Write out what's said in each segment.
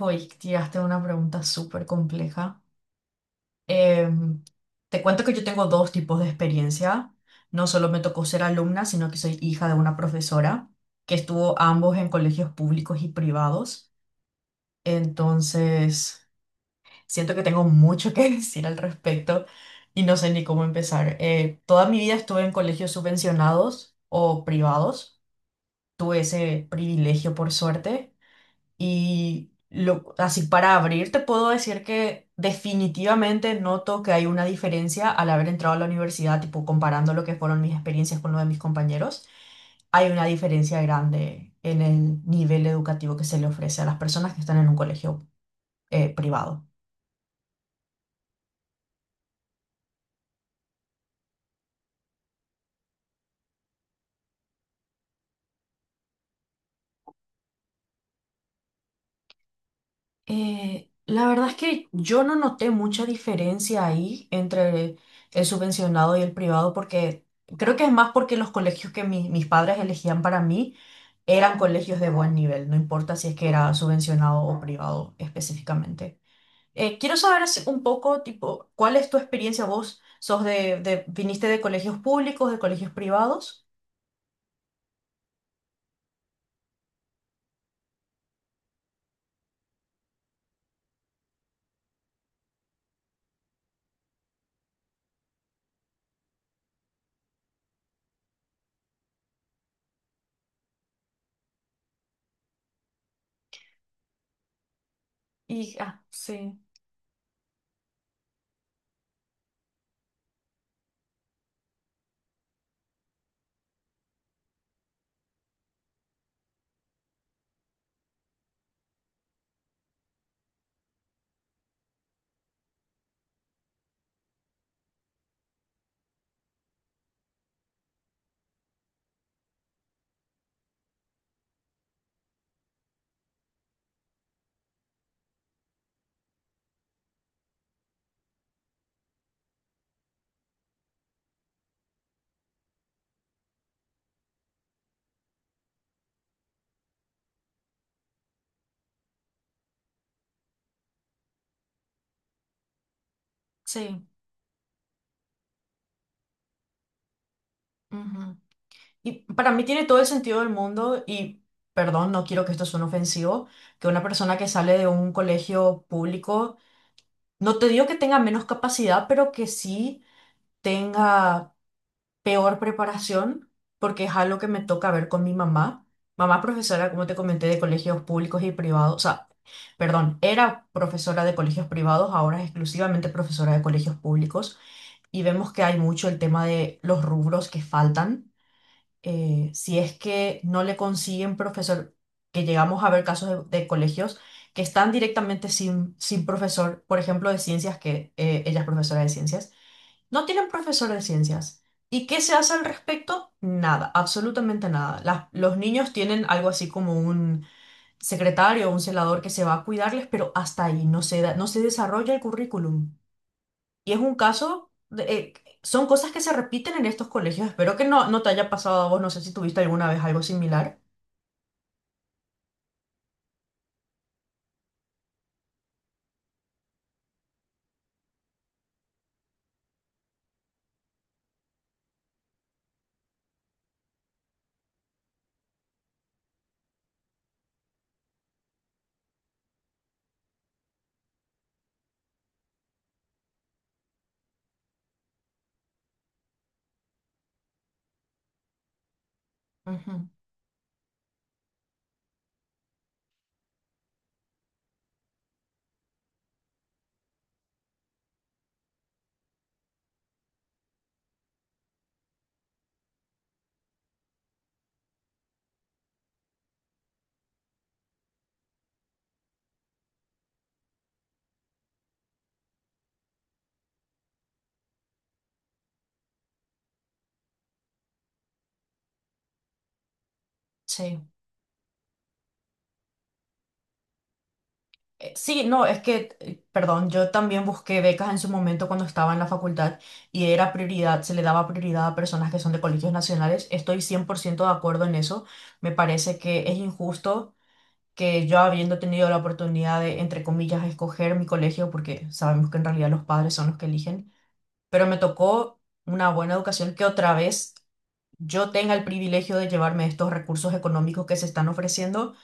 Hoy tiraste una pregunta súper compleja. Em, Te cuento que yo tengo dos tipos de experiencia. No solo me tocó ser alumna, sino que soy hija de una profesora que estuvo ambos en colegios públicos y privados. Entonces, siento que tengo mucho que decir al respecto y no sé ni cómo empezar. Toda mi vida estuve en colegios subvencionados o privados. Tuve ese privilegio por suerte. Y lo, así para abrir, te puedo decir que definitivamente noto que hay una diferencia al haber entrado a la universidad, tipo comparando lo que fueron mis experiencias con lo de mis compañeros. Hay una diferencia grande en el nivel educativo que se le ofrece a las personas que están en un colegio privado. La verdad es que yo no noté mucha diferencia ahí entre el subvencionado y el privado, porque creo que es más porque los colegios que mis padres elegían para mí eran colegios de buen nivel, no importa si es que era subvencionado o privado específicamente. Quiero saber así un poco, tipo, ¿cuál es tu experiencia? ¿Vos sos viniste de colegios públicos, de colegios privados? Y, ah, sí, sí. Y para mí tiene todo el sentido del mundo y, perdón, no quiero que esto suene ofensivo, que una persona que sale de un colegio público, no te digo que tenga menos capacidad, pero que sí tenga peor preparación, porque es algo que me toca ver con mi mamá. Mamá es profesora, como te comenté, de colegios públicos y privados, o sea, perdón, era profesora de colegios privados, ahora es exclusivamente profesora de colegios públicos y vemos que hay mucho el tema de los rubros que faltan si es que no le consiguen profesor, que llegamos a ver casos de colegios que están directamente sin profesor, por ejemplo, de ciencias, que ella es profesora de ciencias, no tienen profesor de ciencias. ¿Y qué se hace al respecto? Nada, absolutamente nada. Los niños tienen algo así como un secretario o un celador que se va a cuidarles, pero hasta ahí no se desarrolla el currículum. Y es un caso, son cosas que se repiten en estos colegios. Espero que no, no te haya pasado a vos, no sé si tuviste alguna vez algo similar. Ujú, sí. Sí, no, es que, perdón, yo también busqué becas en su momento cuando estaba en la facultad y era prioridad, se le daba prioridad a personas que son de colegios nacionales. Estoy 100% de acuerdo en eso. Me parece que es injusto que yo habiendo tenido la oportunidad de, entre comillas, escoger mi colegio, porque sabemos que en realidad los padres son los que eligen, pero me tocó una buena educación que otra vez yo tenga el privilegio de llevarme estos recursos económicos que se están ofreciendo,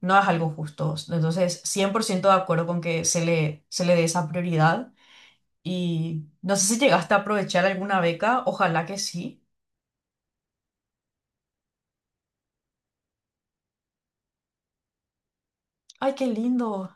no es algo justo. Entonces, 100% de acuerdo con que se le dé esa prioridad. Y no sé si llegaste a aprovechar alguna beca, ojalá que sí. Ay, qué lindo.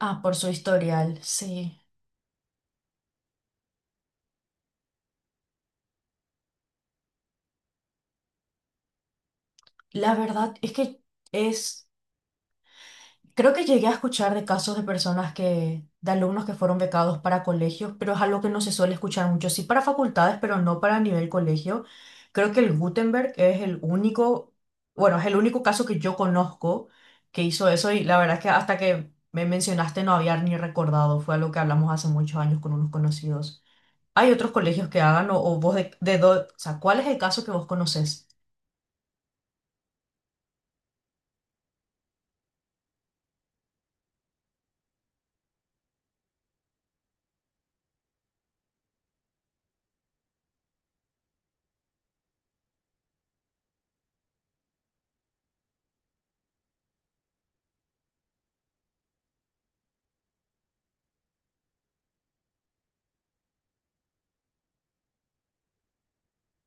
Ah, por su historial, sí. La verdad es que es creo que llegué a escuchar de casos de personas que, de alumnos que fueron becados para colegios, pero es algo que no se suele escuchar mucho. Sí para facultades, pero no para nivel colegio. Creo que el Gutenberg es el único, bueno, es el único caso que yo conozco que hizo eso y la verdad es que hasta que me mencionaste no había ni recordado. Fue algo que hablamos hace muchos años con unos conocidos. ¿Hay otros colegios que hagan o vos o sea, cuál es el caso que vos conocés?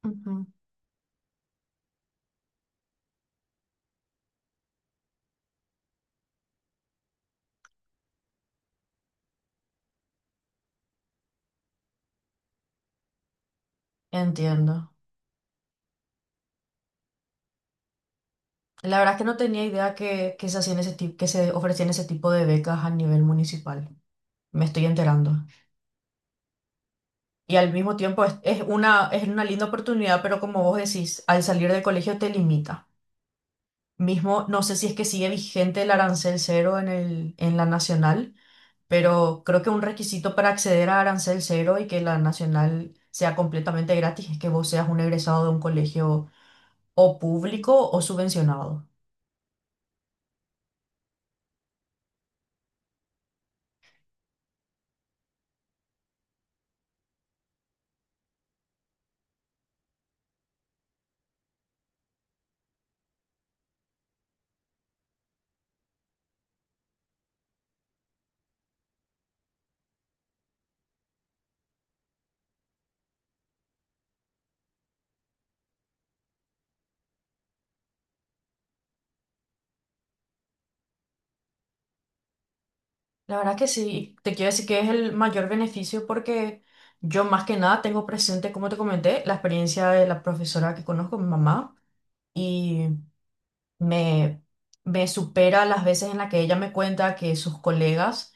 Ujú. Entiendo. La verdad es que no tenía idea que se hacían ese tipo, que se ofrecían ese tipo de becas a nivel municipal. Me estoy enterando. Y al mismo tiempo es una linda oportunidad, pero como vos decís, al salir del colegio te limita. Mismo, no sé si es que sigue vigente el arancel cero en el, en la nacional, pero creo que un requisito para acceder a arancel cero y que la nacional sea completamente gratis es que vos seas un egresado de un colegio o público o subvencionado. La verdad que sí, te quiero decir que es el mayor beneficio porque yo más que nada tengo presente, como te comenté, la experiencia de la profesora que conozco, mi mamá, y me, me supera las veces en las que ella me cuenta que sus colegas,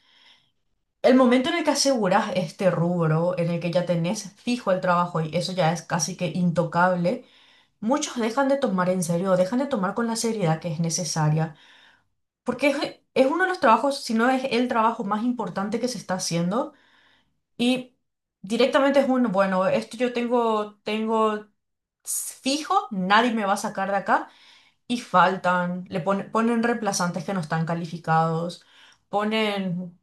el momento en el que aseguras este rubro, en el que ya tenés fijo el trabajo y eso ya es casi que intocable, muchos dejan de tomar en serio, dejan de tomar con la seriedad que es necesaria, porque es uno de los trabajos, si no es el trabajo más importante que se está haciendo. Y directamente es un, bueno, esto yo tengo, fijo, nadie me va a sacar de acá. Y faltan, ponen reemplazantes que no están calificados, ponen,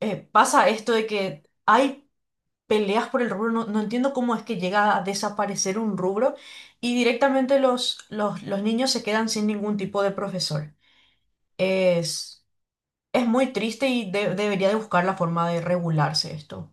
pasa esto de que hay peleas por el rubro, no, no entiendo cómo es que llega a desaparecer un rubro y directamente los niños se quedan sin ningún tipo de profesor. Es, es muy triste y debería de buscar la forma de regularse esto,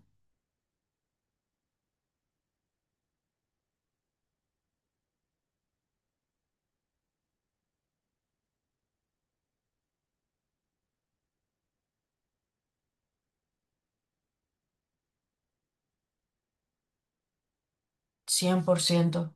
100%.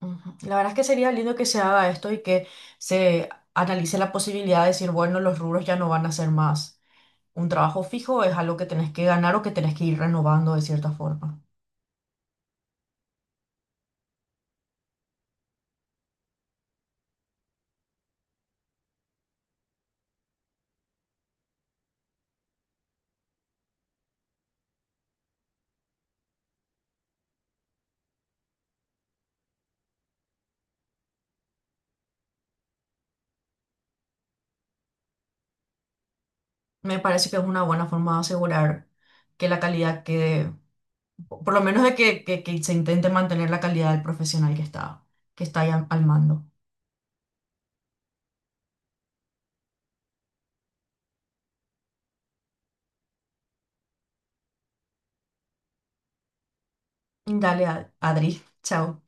Ujú. La verdad es que sería lindo que se haga esto y que se analice la posibilidad de decir, bueno, los rubros ya no van a ser más un trabajo fijo, es algo que tenés que ganar o que tenés que ir renovando de cierta forma. Me parece que es una buena forma de asegurar que la calidad quede, por lo menos de que, que se intente mantener la calidad del profesional que está ahí al mando. Dale, Adri, chao.